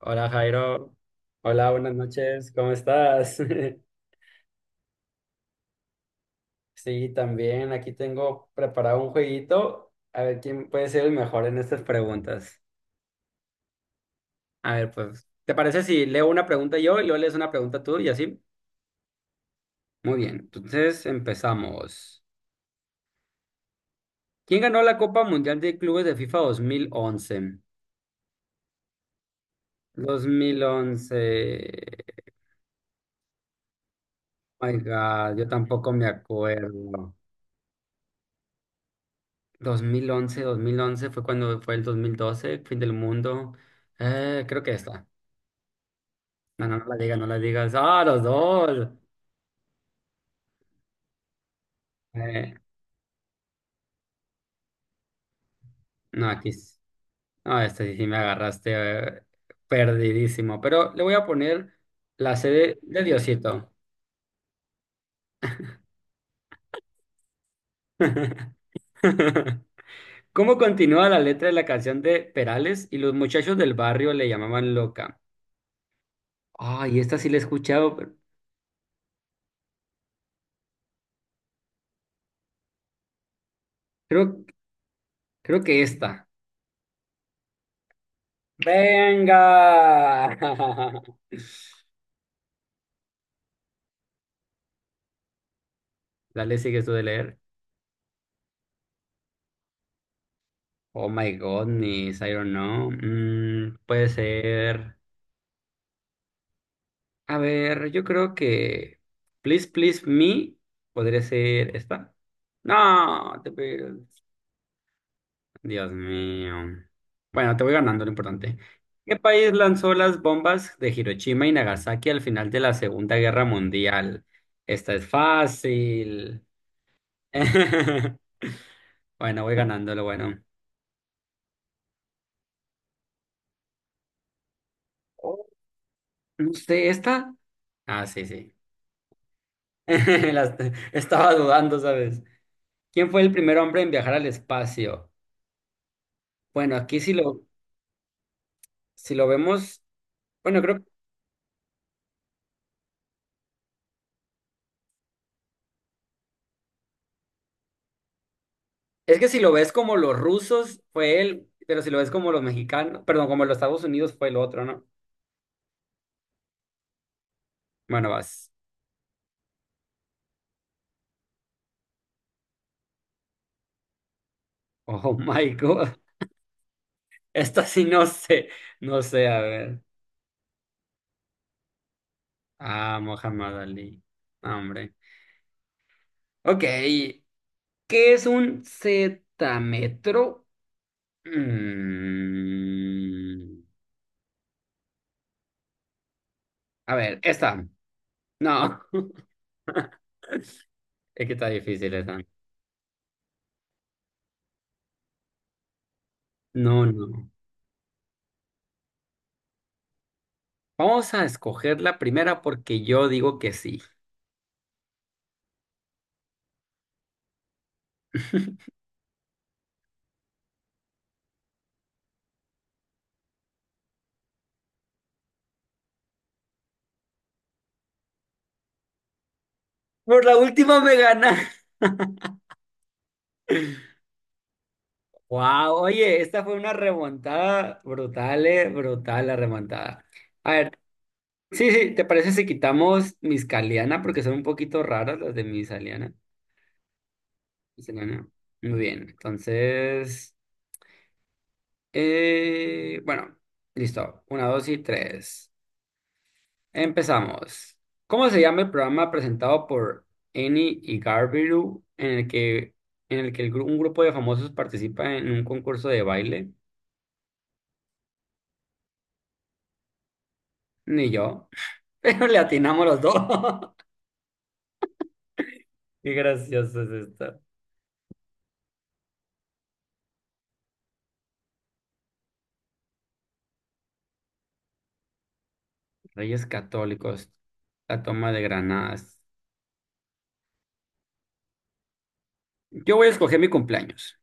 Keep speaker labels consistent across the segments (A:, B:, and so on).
A: Hola Jairo, hola, buenas noches, ¿cómo estás? Sí, también aquí tengo preparado un jueguito, a ver quién puede ser el mejor en estas preguntas. A ver, pues, ¿te parece si leo una pregunta yo y luego lees una pregunta tú y así? Muy bien, entonces empezamos. ¿Quién ganó la Copa Mundial de Clubes de FIFA dos mil once? 2011. Oh my God, yo tampoco me acuerdo. Dos mil once fue cuando fue el 2012, fin del mundo. Creo que esta. No, no, no la digas, no la digas. ¡Ah, los dos! Eh, no, aquí. No, este sí, sí me agarraste. eh, Perdidísimo. Pero le voy a poner la sede de Diosito. ¿Cómo continúa la letra de la canción de Perales? Y los muchachos del barrio le llamaban loca. Ay, esta sí la he escuchado, pero Creo, creo que esta. ¡Venga! Dale, sigues tú de leer. Oh my goodness, I don't know. Puede ser. A ver, yo creo que Please Please Me podría ser esta. No, te pido. Dios mío. Bueno, te voy ganando lo importante. ¿Qué país lanzó las bombas de Hiroshima y Nagasaki al final de la Segunda Guerra Mundial? Esta es fácil. Bueno, voy ganando lo bueno. No sé, esta. Ah, sí, sí. Las- Estaba dudando, ¿sabes? ¿Quién fue el primer hombre en viajar al espacio? Bueno, aquí si lo vemos, bueno, creo, es que si lo ves como los rusos, fue él, pero si lo ves como los mexicanos, perdón, como los Estados Unidos, fue el otro, ¿no? Bueno, vas. Oh my God. Esta sí no sé, no sé, a ver. Ah, Muhammad Ali. No, hombre. Ok, ¿qué es un cetametro? Mm, A ver, esta. No, es que está difícil esa. No, no. Vamos a escoger la primera porque yo digo que sí. Por la última me gana. Wow, oye, esta fue una remontada brutal, brutal la remontada. A ver, sí, sí, ¿te parece si quitamos mis caliana? Porque son un poquito raras las de mis aliana. Mis aliana. Muy bien, entonces, bueno, listo. Una, dos y tres. Empezamos. ¿Cómo se llama el programa presentado por Eni y Garbiru en el que un grupo de famosos participa en un concurso de baile? Ni yo, pero le atinamos los dos. Qué gracioso es esto. Reyes Católicos, la toma de Granadas. Yo voy a escoger mi cumpleaños.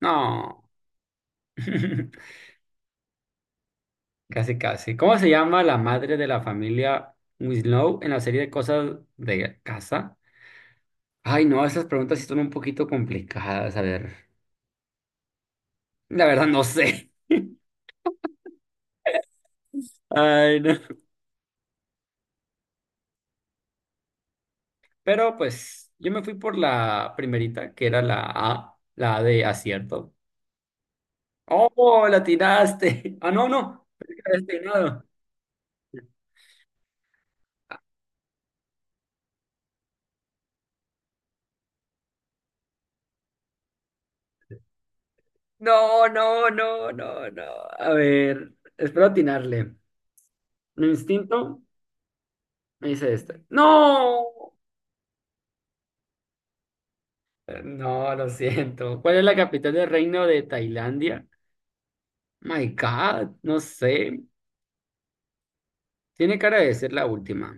A: No, casi casi. ¿Cómo se llama la madre de la familia Winslow en la serie de Cosas de casa? Ay, no, esas preguntas sí son un poquito complicadas. A ver, la verdad no sé. Ay, no. Pero pues yo me fui por la primerita, que era la A de acierto. ¡Oh, la tiraste! Ah, no, no. Pensé que la habías atinado. No, no, no, no, no. A ver, espero atinarle. Mi instinto me dice este. ¡No! No, lo siento. ¿Cuál es la capital del reino de Tailandia? My God, no sé. Tiene cara de ser la última.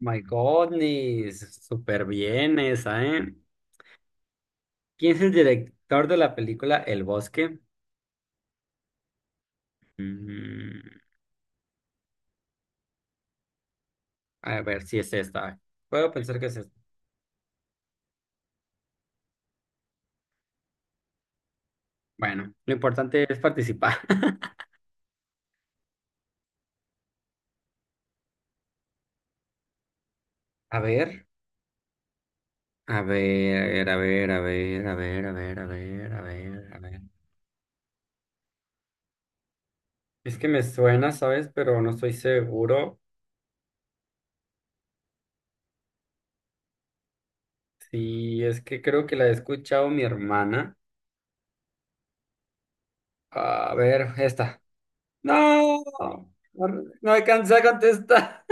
A: My goodness, súper bien esa, ¿eh? ¿Quién es el director de la película El Bosque? Mm, a ver si es esta. Puedo pensar que es esta. Bueno, lo importante es participar. A ver, a ver, a ver, a ver, a ver, a ver, a ver, a ver, a ver. Es que me suena, ¿sabes? Pero no estoy seguro. Sí, es que creo que la he escuchado mi hermana. A ver, esta. No, no alcancé a contestar.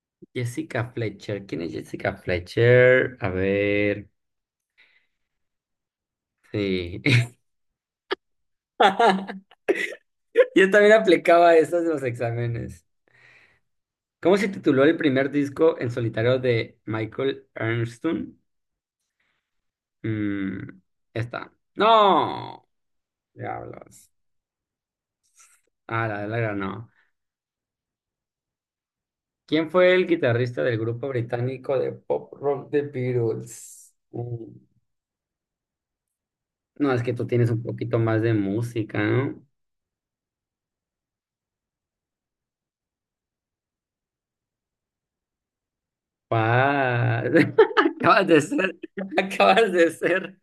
A: Jessica Fletcher. ¿Quién es Jessica Fletcher? A ver. Sí. Yo también aplicaba esas en los exámenes. ¿Cómo se tituló el primer disco en solitario de Michael Ernstun? Mm, Esta. ¡No! Diablos. Ah, la de la ganó. ¿Quién fue el guitarrista del grupo británico de pop rock The Beatles? No, es que tú tienes un poquito más de música, ¿no? Pa, acabas de ser, acabas de ser,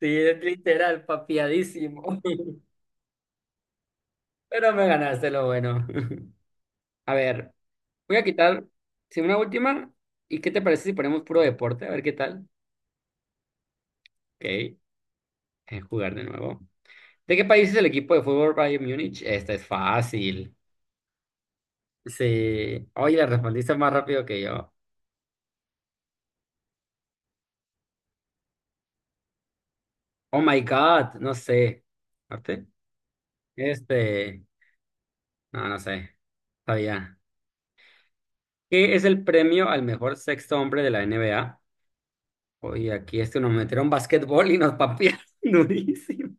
A: sí, es literal, papiadísimo. Pero me ganaste lo bueno. A ver, voy a quitar, si una última, ¿y qué te parece si ponemos puro deporte? A ver qué tal. Ok, jugar de nuevo. ¿De qué país es el equipo de fútbol Bayern Múnich? Esta es fácil. Sí, oye, la respondiste más rápido que yo. Oh my God, no sé. ¿Arte? Este, no, no sé, sabía. ¿Qué es el premio al mejor sexto hombre de la NBA? Oye, aquí este nos metieron basquetbol y nos papearon durísimo.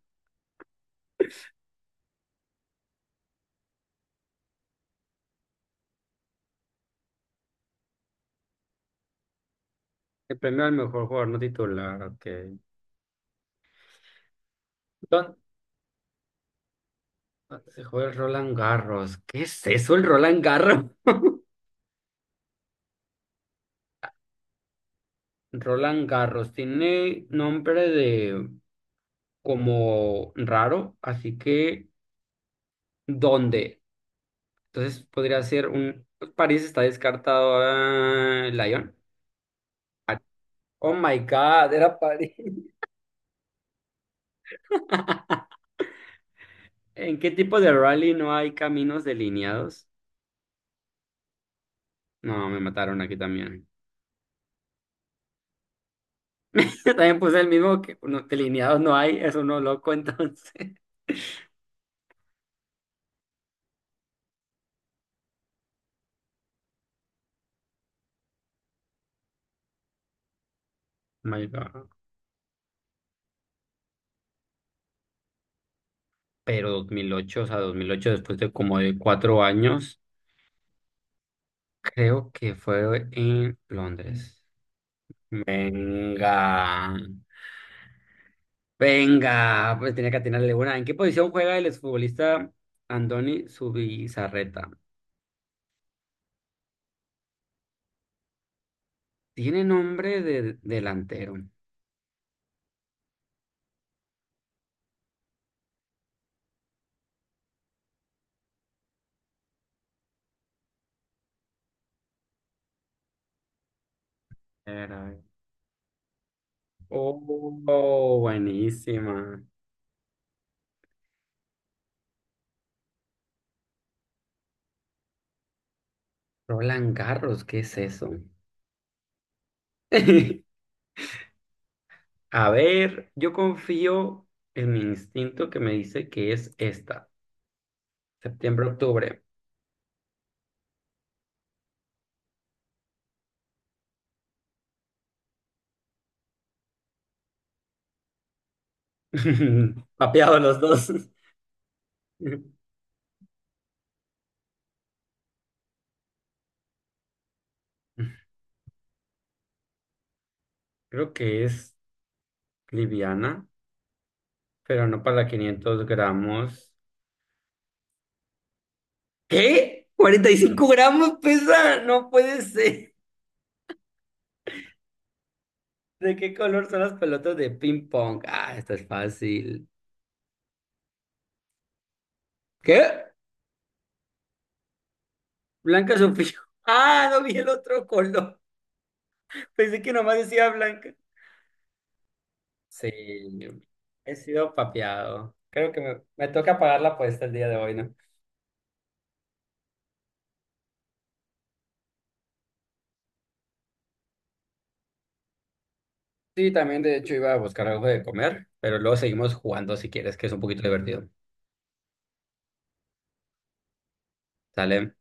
A: El premio al mejor jugador no titular, ok. Don- Se juega el Roland Garros. ¿Qué es eso, el Roland Garros? Roland Garros tiene nombre de como raro, así que ¿dónde? Entonces podría ser pues, París está descartado. Lyon. Ah, Oh my God, era París. ¿En qué tipo de rally no hay caminos delineados? No, me mataron aquí también. Yo también puse el mismo que no, delineados no hay, es uno loco entonces. My God. Pero 2008, o sea, 2008 después de como de 4 años, creo que fue en Londres. Venga, venga, pues tenía que atinarle una. ¿En qué posición juega el exfutbolista Andoni Zubizarreta? Tiene nombre de delantero. Oh, buenísima. Roland Garros, ¿qué es eso? A ver, yo confío en mi instinto que me dice que es esta, septiembre-octubre. Papeado los dos. Creo que es liviana, pero no para 500 gramos. ¿Qué? ¿45 gramos pesa? No puede ser. ¿De qué color son las pelotas de ping pong? Ah, esta es fácil. ¿Qué? Blanca Sofía. Ah, no vi el otro color. Pensé que nomás decía blanca. Sí, he sido papeado. Creo que me toca pagar la apuesta el día de hoy, ¿no? Sí, también de hecho iba a buscar algo de comer, pero luego seguimos jugando si quieres, que es un poquito divertido. ¿Sale?